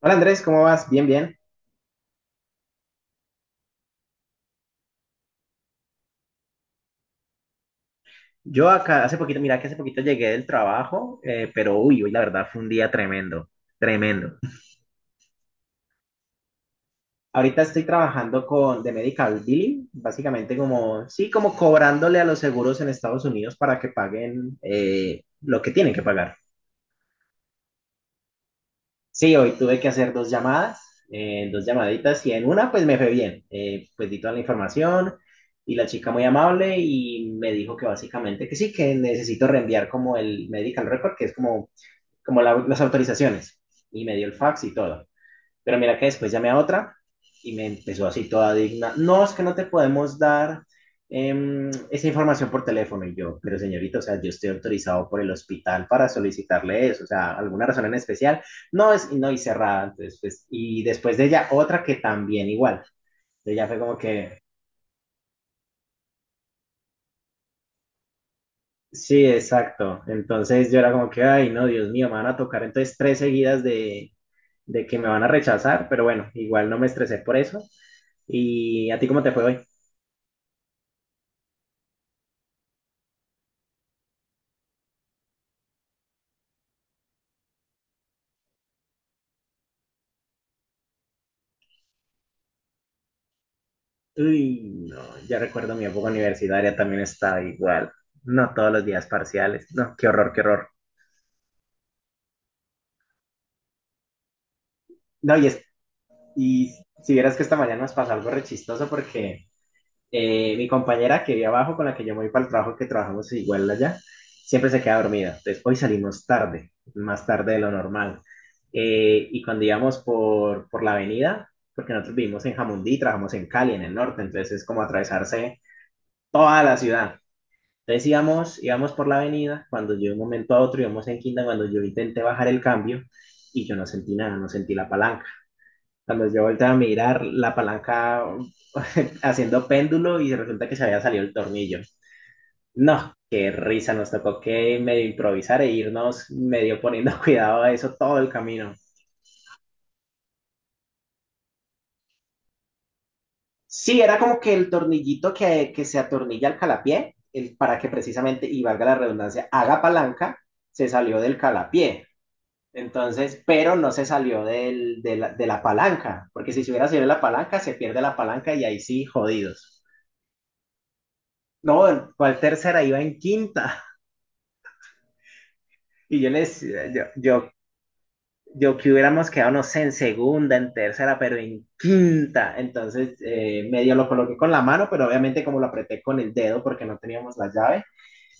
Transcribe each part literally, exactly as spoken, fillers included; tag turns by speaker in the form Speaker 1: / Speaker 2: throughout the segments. Speaker 1: Hola Andrés, ¿cómo vas? Bien, bien. Yo acá hace poquito, mira que hace poquito llegué del trabajo, eh, pero uy, hoy la verdad fue un día tremendo, tremendo. Ahorita estoy trabajando con de Medical Billing, básicamente como, sí, como cobrándole a los seguros en Estados Unidos para que paguen eh, lo que tienen que pagar. Sí, hoy tuve que hacer dos llamadas, eh, dos llamaditas y en una pues me fue bien. Eh, pues di toda la información y la chica muy amable y me dijo que básicamente que sí, que necesito reenviar como el medical record, que es como como la- las autorizaciones, y me dio el fax y todo. Pero mira que después llamé a otra y me empezó así toda digna. No, es que no te podemos dar em, esa información por teléfono. Y yo, pero señorita, o sea, yo estoy autorizado por el hospital para solicitarle eso, o sea, alguna razón en especial. No, es, no, y cerrada. Entonces, pues, y después de ella, otra que también igual. Ella fue como que, sí, exacto. Entonces yo era como que, ay, no, Dios mío, me van a tocar entonces tres seguidas de de que me van a rechazar, pero bueno, igual no me estresé por eso. ¿Y a ti cómo te fue hoy? Uy, no, ya recuerdo mi época universitaria, también estaba igual. No, todos los días parciales. No, qué horror, qué horror. No, y, es, y si vieras que esta mañana nos pasó algo re chistoso porque eh, mi compañera que vive abajo, con la que yo me voy para el trabajo, que trabajamos igual allá, siempre se queda dormida. Entonces, hoy salimos tarde, más tarde de lo normal. Eh, y cuando íbamos por, por la avenida, porque nosotros vivimos en Jamundí, trabajamos en Cali, en el norte, entonces es como atravesarse toda la ciudad. Entonces íbamos, íbamos por la avenida, cuando yo de un momento a otro íbamos en quinta, cuando yo intenté bajar el cambio y yo no sentí nada, no sentí la palanca. Cuando yo volteé a mirar la palanca haciendo péndulo y resulta que se había salido el tornillo. No, qué risa, nos tocó que medio improvisar e irnos medio poniendo cuidado a eso todo el camino. Sí, era como que el tornillito que, que se atornilla al calapié, el- para que precisamente, y valga la redundancia, haga palanca, se salió del calapié. Entonces, pero no se salió del- de la, de la palanca, porque si se hubiera salido de la palanca, se pierde la palanca y ahí sí, jodidos. No, Walter tercera iba en quinta. Y yo les, yo, yo, yo que hubiéramos quedado, no sé, en segunda, en tercera, pero en quinta. Entonces, eh, medio lo coloqué con la mano, pero obviamente como lo apreté con el dedo porque no teníamos la llave,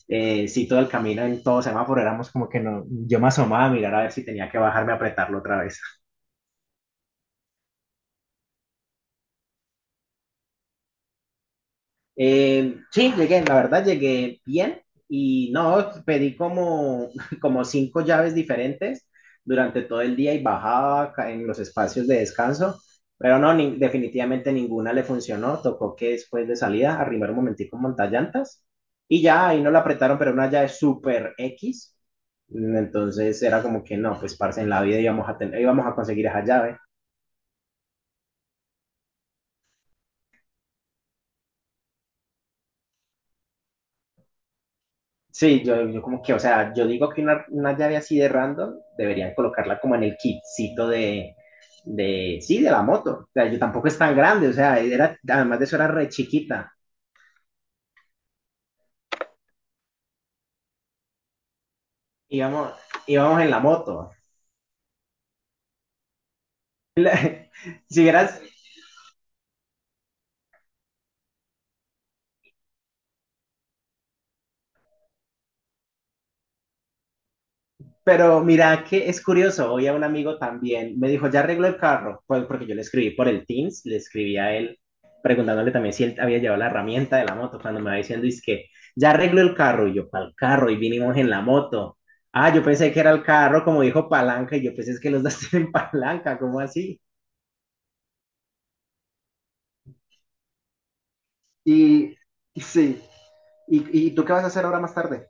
Speaker 1: eh, sí, todo el camino en todo semáforo éramos como que no, yo me asomaba a mirar a ver si tenía que bajarme a apretarlo otra vez. Eh, sí, llegué, la verdad llegué bien y no, pedí como, como cinco llaves diferentes durante todo el día y bajaba ca- en los espacios de descanso, pero no, ni- definitivamente ninguna le funcionó, tocó que después de salida arrimar un momentico un montallantas y ya ahí no la apretaron, pero una llave súper X, mm, entonces era como que no, pues parce, en la vida íbamos a tener, íbamos a conseguir esa llave. Sí, yo, yo como que, o sea, yo digo que una, una llave así de random deberían colocarla como en el kitcito de, de, sí, de la moto. O sea, yo tampoco es tan grande, o sea, era, además de eso era re chiquita. Íbamos, Íbamos en la moto. si hubieras, Pero mira que es curioso, hoy a un amigo también me dijo, ya arregló el carro, pues porque yo le escribí por el Teams, le escribí a él preguntándole también si él había llevado la herramienta de la moto, cuando me va diciendo, es que ya arregló el carro, y yo, ¿el carro? Y vinimos en la moto. Ah, yo pensé que era el carro, como dijo palanca, y yo pensé es que los dos tienen palanca, ¿cómo así? Y y sí, ¿Y, ¿y tú qué vas a hacer ahora más tarde?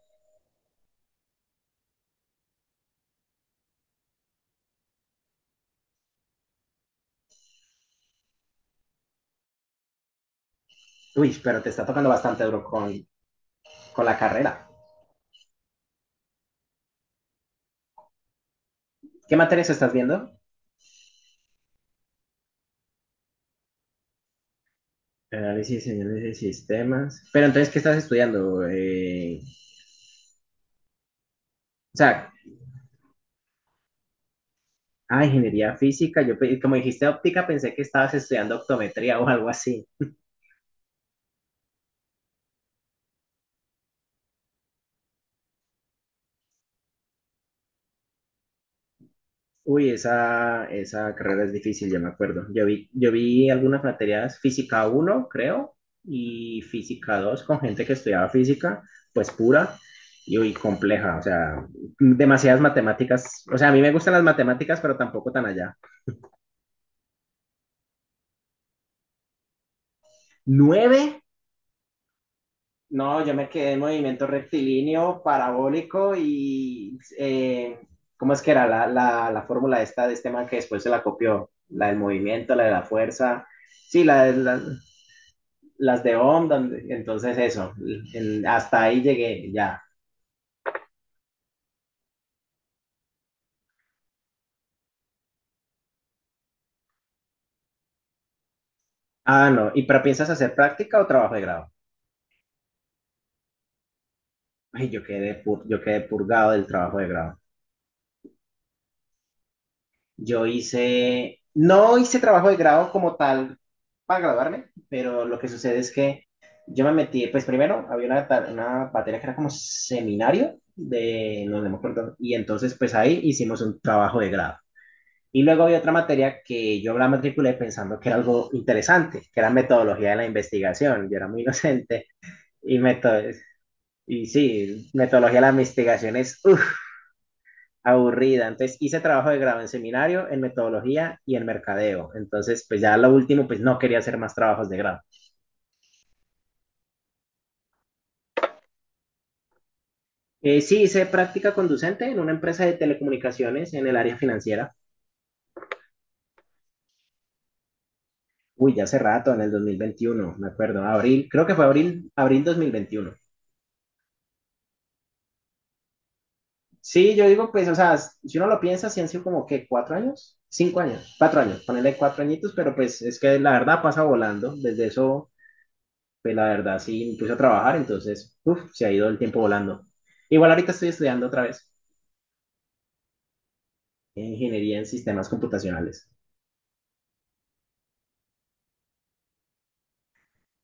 Speaker 1: Uy, pero te está tocando bastante duro con, con la carrera. ¿Qué materias estás viendo? Análisis y señales de sistemas. Pero entonces, ¿qué estás estudiando? Eh, o sea, ah, ingeniería física. Yo, pe- como dijiste óptica, pensé que estabas estudiando optometría o algo así. Uy, esa, esa carrera es difícil, ya me acuerdo. Yo vi, yo vi algunas materias, física uno, creo, y física dos con gente que estudiaba física, pues pura y uy, compleja. O sea, demasiadas matemáticas. O sea, a mí me gustan las matemáticas, pero tampoco tan allá. Nueve. No, yo me quedé en movimiento rectilíneo, parabólico y eh, ¿cómo es que era la, la, la fórmula esta de este man que después se la copió? La del movimiento, la de la fuerza, sí, la, de la- las de Ohm, donde- entonces eso, en- hasta ahí llegué ya. Ah, no, ¿y pero piensas hacer práctica o trabajo de grado? Ay, yo quedé, pur- yo quedé purgado del trabajo de grado. Yo hice, no hice trabajo de grado como tal para graduarme, pero lo que sucede es que yo me metí, pues primero había una, ta- una materia que era como seminario de, no, no me acuerdo, y entonces pues ahí hicimos un trabajo de grado. Y luego había otra materia que yo la matriculé pensando que era algo interesante, que era metodología de la investigación. Yo era muy inocente y meto- y sí, metodología de la investigación es, uff, aburrida. Entonces hice trabajo de grado en seminario, en metodología y en mercadeo. Entonces, pues ya lo último, pues no quería hacer más trabajos de grado. Eh, sí, hice práctica conducente en una empresa de telecomunicaciones en el área financiera. Uy, ya hace rato, en el dos mil veintiuno, me acuerdo, abril, creo que fue abril, abril dos mil veintiuno. Sí, yo digo, pues, o sea, si uno lo piensa, si han sido como ¿qué? cuatro años, cinco años, cuatro años, ponerle cuatro añitos, pero pues es que la verdad pasa volando. Desde eso pues la verdad sí me puse a trabajar, entonces uf, se ha ido el tiempo volando. Igual ahorita estoy estudiando otra vez ingeniería en sistemas computacionales.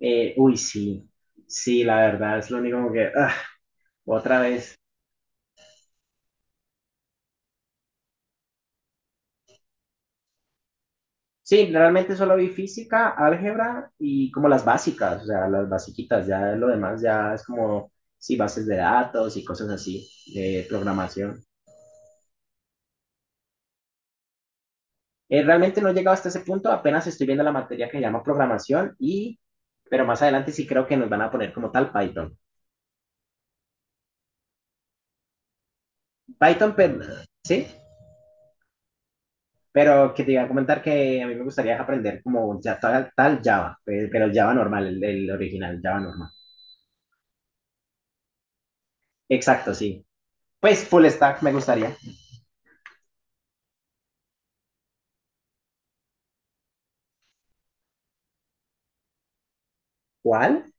Speaker 1: Eh, uy, sí, sí, la verdad es lo único como que ah, otra vez. Sí, realmente solo vi física, álgebra y como las básicas, o sea, las basiquitas, ya lo demás ya es como, sí, bases de datos y cosas así, de programación. Eh, realmente no he llegado hasta ese punto, apenas estoy viendo la materia que se llama programación y, pero más adelante sí creo que nos van a poner como tal Python. Python, pero, sí, pero que te iba a comentar que a mí me gustaría aprender como ya tal, tal Java, pe- pero el Java normal, el, el original, Java normal. Exacto, sí. Pues full stack me gustaría. ¿Cuál?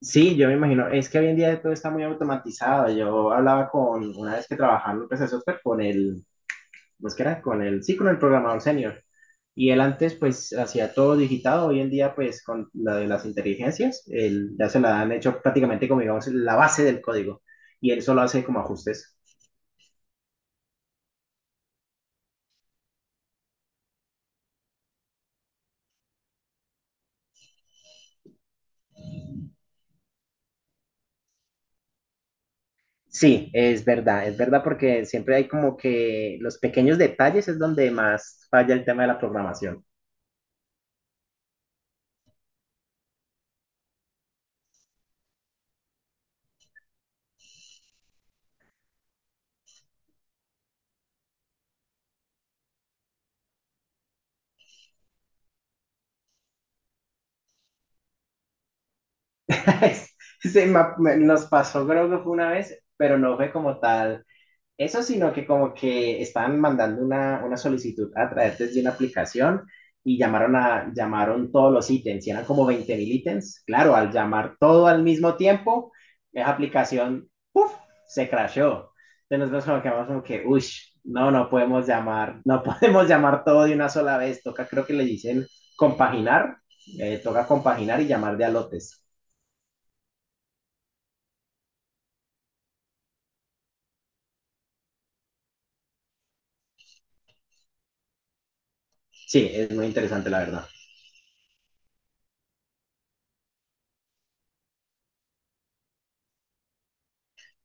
Speaker 1: Sí, yo me imagino, es que hoy en día todo está muy automatizado. Yo hablaba con, una vez que trabajaba en una empresa de software, con el, pues que era con el, sí, con el programador senior. Y él antes pues hacía todo digitado, hoy en día pues con la de las inteligencias, él, ya se la han hecho prácticamente como digamos la base del código y él solo hace como ajustes. Sí, es verdad, es verdad porque siempre hay como que los pequeños detalles es donde más falla el tema de la programación. Se ma- me- nos pasó creo que fue una vez, pero no fue como tal eso, sino que como que estaban mandando una, una solicitud a través de una aplicación y llamaron a, llamaron todos los ítems, y eran como veinte mil ítems. Claro, al llamar todo al mismo tiempo, esa aplicación, ¡puf! Se crashó. Entonces nosotros como que vamos como que, uy, no, no podemos llamar, no podemos llamar todo de una sola vez, toca, creo que le dicen compaginar, eh, toca compaginar y llamar de a lotes. Sí, es muy interesante la verdad.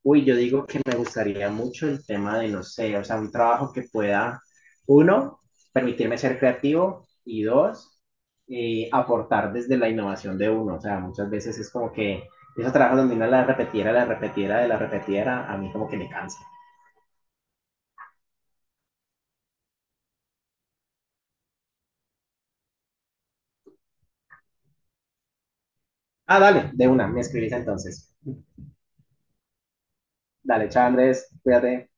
Speaker 1: Uy, yo digo que me gustaría mucho el tema de, no sé, o sea, un trabajo que pueda, uno, permitirme ser creativo y dos, eh, aportar desde la innovación de uno. O sea, muchas veces es como que esos trabajos donde uno la repetiera, la repetiera, la repetiera, a mí como que me cansa. Ah, dale, de una, me escribís entonces. Dale, chao Andrés, cuídate.